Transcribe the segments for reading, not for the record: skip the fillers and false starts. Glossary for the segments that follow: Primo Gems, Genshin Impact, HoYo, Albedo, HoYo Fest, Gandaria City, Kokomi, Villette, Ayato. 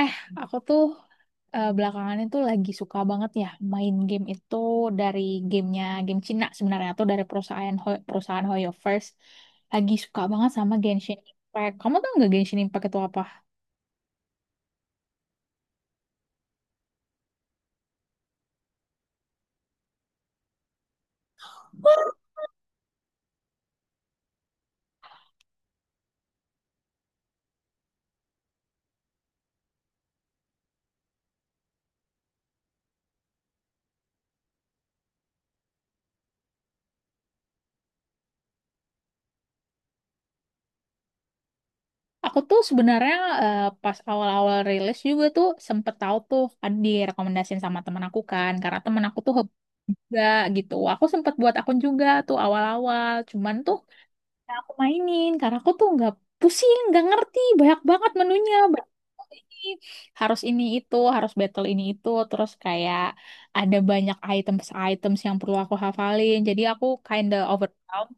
Eh, aku tuh belakangan itu lagi suka banget ya main game itu dari gamenya game Cina sebenarnya atau dari perusahaan perusahaan Hoyo First. Lagi suka banget sama Genshin Impact. Kamu tau nggak Genshin Impact itu apa? Aku tuh sebenarnya pas awal-awal rilis juga tuh sempet tahu tuh ada direkomendasiin sama teman aku kan karena teman aku tuh hobi juga gitu. Aku sempet buat akun juga tuh awal-awal. Cuman tuh. Nah, aku mainin karena aku tuh nggak pusing, nggak ngerti banyak banget menunya. Banyak banget ini harus ini itu, harus battle ini itu, terus kayak ada banyak items-items yang perlu aku hafalin. Jadi aku kinda overwhelmed.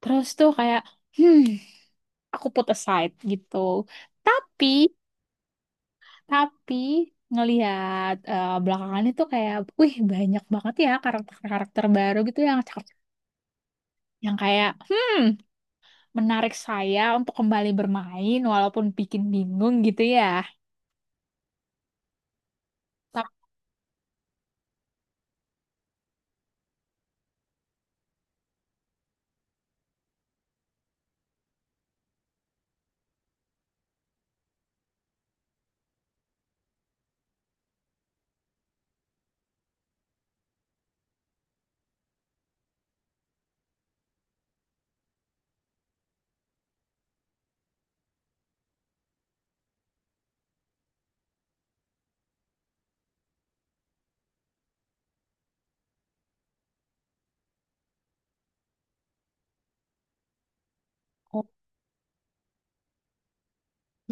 Terus tuh kayak hmm, aku put aside gitu. Tapi tapi ngelihat belakangan itu kayak, wih banyak banget ya karakter-karakter baru gitu yang cakep, yang kayak menarik saya untuk kembali bermain walaupun bikin bingung gitu ya. Tapi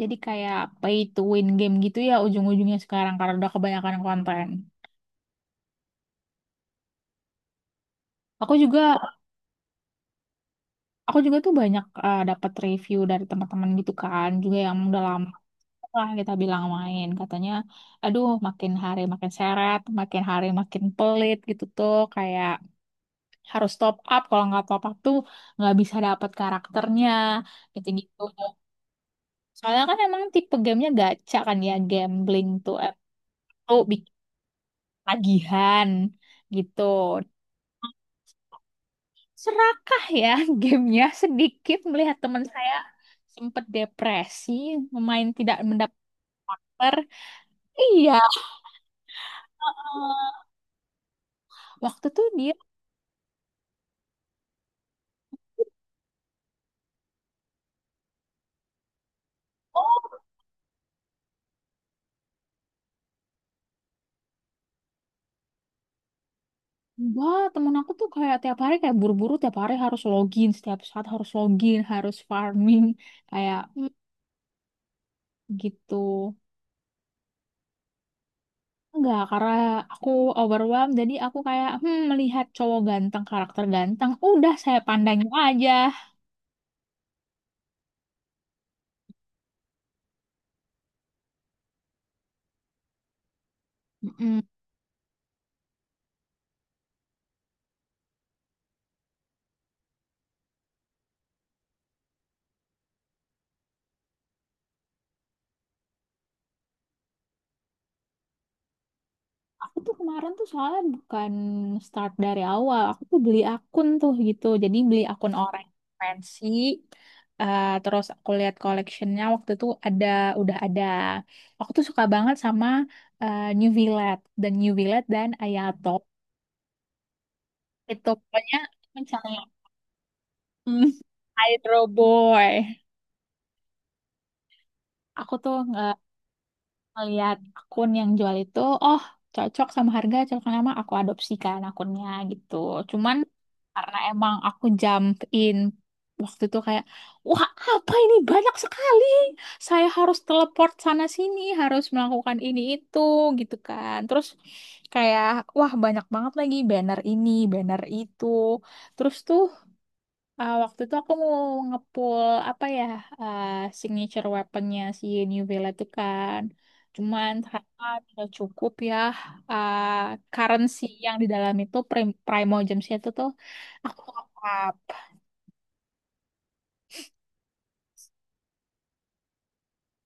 jadi kayak pay to win game gitu ya ujung-ujungnya sekarang karena udah kebanyakan konten. Aku juga aku juga tuh banyak dapat review dari teman-teman gitu kan, juga yang udah lama lah kita bilang main katanya aduh makin hari makin seret makin hari makin pelit gitu tuh kayak harus top up kalau nggak top up tuh nggak bisa dapat karakternya gitu gitu Soalnya kan emang tipe gamenya gacha kan ya, gambling tuh. Tuh bikin tagihan gitu. Serakah ya gamenya sedikit melihat teman saya sempat depresi, memain tidak mendapat partner. Iya, waktu tuh dia. Oh, enggak, temen aku tuh kayak tiap hari kayak buru-buru tiap hari harus login, setiap saat harus login, harus farming kayak gitu. Enggak, karena aku overwhelmed, jadi aku kayak melihat cowok ganteng, karakter ganteng, udah saya pandangin aja. Mm-mm. Aku tuh kemarin tuh soalnya bukan start dari awal, aku tuh beli akun tuh gitu, jadi beli akun orang fancy, terus aku lihat collectionnya waktu itu ada, udah ada. Aku tuh suka banget sama New Villette dan Ayato. Itu pokoknya mencari hmm, Hydro Boy. Aku tuh melihat akun yang jual itu, oh cocok sama harga, cocok sama aku adopsikan akunnya gitu. Cuman karena emang aku jump in waktu itu kayak, wah apa ini banyak sekali. Saya harus teleport sana sini, harus melakukan ini itu gitu kan. Terus kayak, wah banyak banget lagi banner ini, banner itu. Terus tuh. Ah, waktu itu aku mau ngepull apa ya ah, signature weaponnya si New Vela itu kan. Cuman ternyata tidak cukup ya ah, currency yang di dalam itu Primo Gems itu tuh aku top up.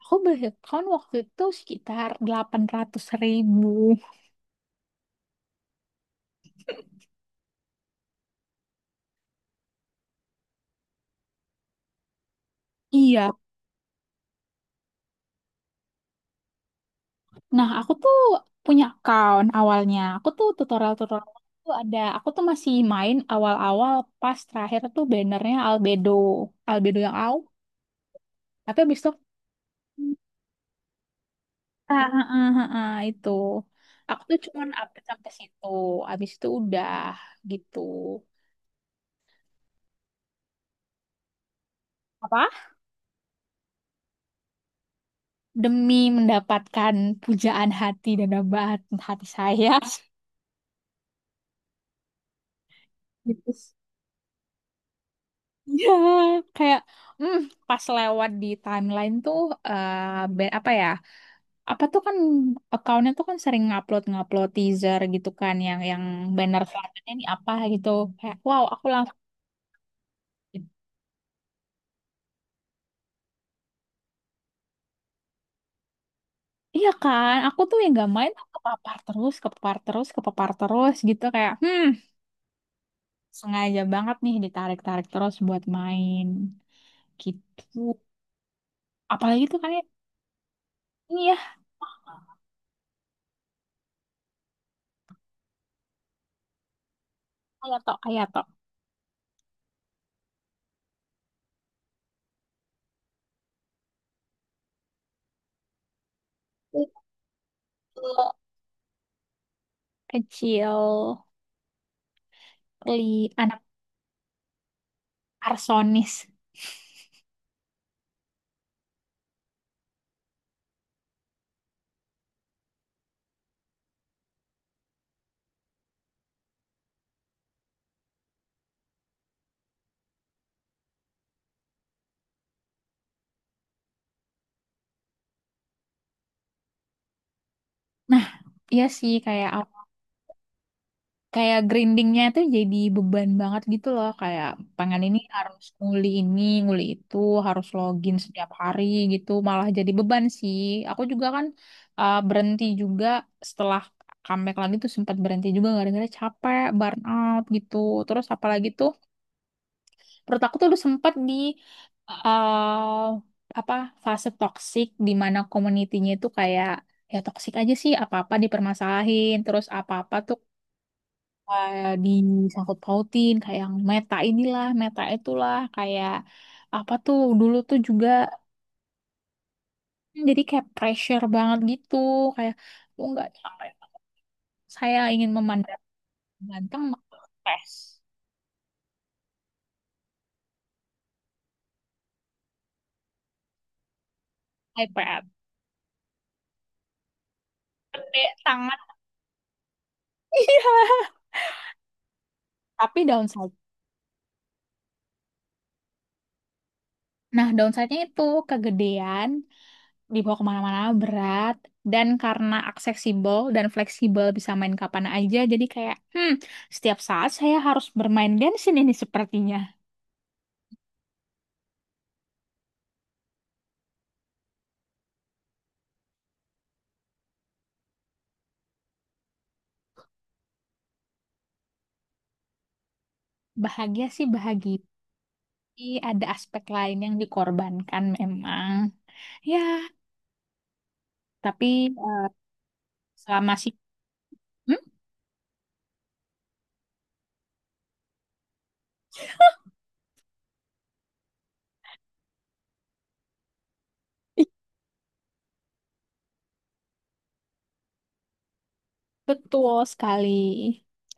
Aku beli account waktu itu sekitar 800.000. Iya. Nah, aku tuh punya account awalnya. Aku tuh tutorial-tutorial tuh ada. Aku tuh masih main awal-awal pas terakhir tuh bannernya Albedo. Albedo yang. Tapi abis itu, itu. Aku tuh cuman update sampai situ. Abis itu udah gitu. Apa? Demi mendapatkan pujaan hati dan dambaan hati saya. Gitu. Ya, kayak hmm, pas lewat di timeline tuh eh, apa ya? Apa tuh kan accountnya tuh kan sering ngupload ngupload teaser gitu kan yang banner selanjutnya ini apa gitu. Kayak wow, aku langsung gitu. Iya kan, aku tuh yang gak main tuh kepapar terus, kepapar terus, kepapar terus gitu kayak, sengaja banget nih ditarik-tarik terus buat main gitu. Apalagi tuh kayak ini ya, Hayato, Hayato. Itu kecil, li anak arsonis. Nah, iya sih kayak kayak grindingnya tuh jadi beban banget gitu loh kayak pengen ini harus nguli ini nguli itu harus login setiap hari gitu malah jadi beban sih aku juga kan berhenti juga setelah comeback lagi tuh sempat berhenti juga gara-gara capek burn out gitu terus apalagi tuh menurut aku tuh udah sempat di uh, apa fase toksik di mana community-nya itu kayak ya toksik aja sih apa-apa dipermasalahin terus apa-apa tuh eh, disangkut pautin kayak yang meta inilah meta itulah kayak apa tuh dulu tuh juga jadi kayak pressure banget gitu kayak lu nggak saya ingin memandang ganteng maka tes iPad gede sangat. Iya tapi downside, nah downside-nya itu kegedean dibawa kemana-mana berat dan karena aksesibel dan fleksibel bisa main kapan aja jadi kayak setiap saat saya harus bermain Genshin ini sepertinya. Bahagia sih bahagia, tapi ada aspek lain yang dikorbankan memang. Ya, tapi eh, selama sih. Hmm, betul sekali.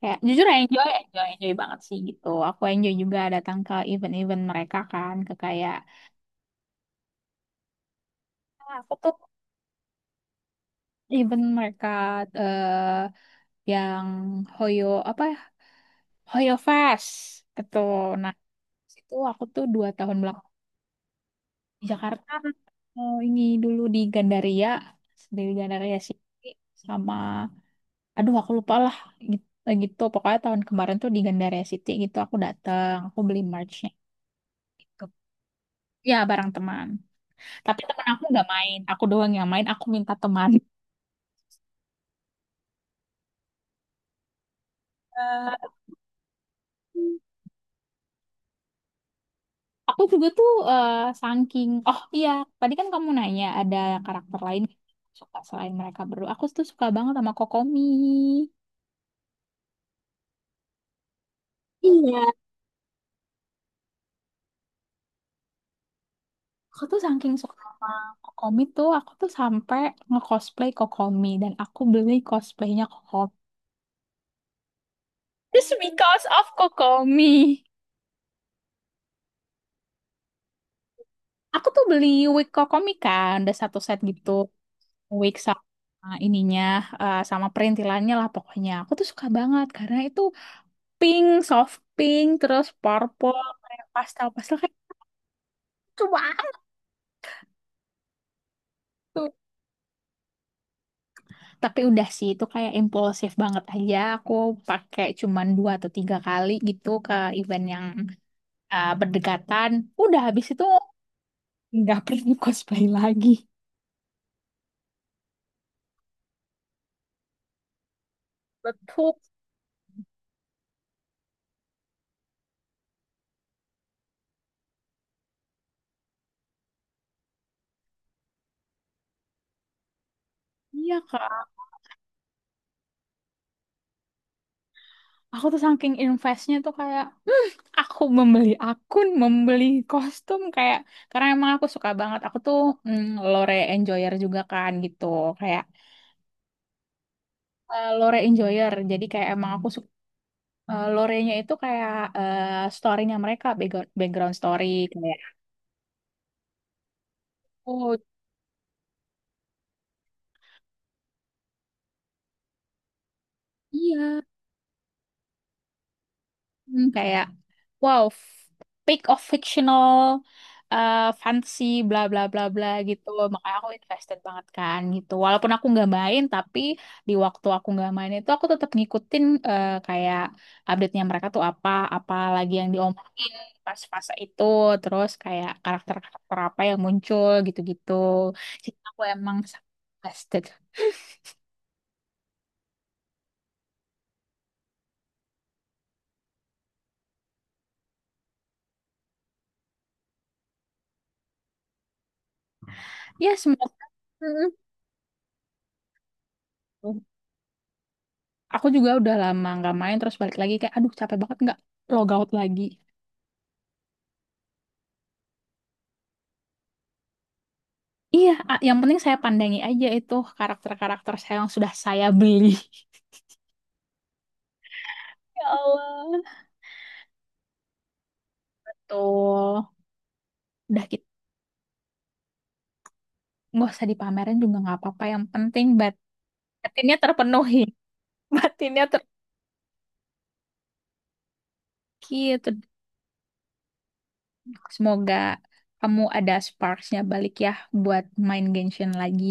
Kayak jujur ya, enjoy, enjoy, enjoy banget sih gitu. Aku enjoy juga datang ke event-event mereka kan, ke kayak. Ah, aku tuh event mereka eh yang Hoyo apa ya? Hoyo Fest gitu. Nah, itu aku tuh 2 tahun. Di Jakarta, oh, ini dulu di Gandaria City sama aduh aku lupa lah gitu, gitu. Pokoknya tahun kemarin tuh di Gandaria City gitu aku datang, aku beli merch-nya gitu. Ya barang teman. Tapi teman aku nggak main, aku doang yang main, aku minta teman. Eh, Aku juga tuh saking oh iya tadi kan kamu nanya ada karakter lain yang suka selain mereka berdua. Aku tuh suka banget sama Kokomi. Iya, aku tuh saking suka sama Kokomi tuh, aku tuh sampai nge-cosplay Kokomi dan aku beli cosplaynya Kokomi. Just because of Kokomi. Aku tuh beli wig Kokomi kan, ada satu set gitu, wig sama ininya, sama perintilannya lah pokoknya. Aku tuh suka banget karena itu pink, soft pink, terus purple, kayak pastel-pastel kayak lucu banget tuh. Tapi udah sih, itu kayak impulsif banget aja. Aku pakai cuman 2 atau 3 kali gitu ke event yang berdekatan. Udah habis itu nggak perlu cosplay lagi. Betul. Iya kak, aku tuh saking investnya tuh kayak aku membeli akun, membeli kostum kayak karena emang aku suka banget. Aku tuh mm, lore enjoyer juga kan gitu, kayak lore enjoyer. Jadi kayak emang aku suka lore-nya itu kayak eh, story-nya mereka, background background story kayak oh iya. Hmm, kayak wow, pick of fictional, fantasy, bla bla bla bla gitu. Makanya aku invested banget kan gitu. Walaupun aku nggak main, tapi di waktu aku nggak main itu aku tetap ngikutin kayak update-nya mereka tuh apa, apa lagi yang diomongin pas fase itu, terus kayak karakter-karakter apa yang muncul gitu-gitu. Jadi aku emang invested. Ya semoga. Mm-mm. Aku juga udah lama nggak main terus balik lagi kayak aduh capek banget nggak logout lagi. Iya, yang penting saya pandangi aja itu karakter-karakter saya yang sudah saya beli. Ya Allah. Tuh, udah gitu. Nggak usah dipamerin juga nggak apa-apa. Yang penting batinnya terpenuhi. Batinnya ter... Gitu. Semoga kamu ada sparks-nya balik ya buat main Genshin lagi.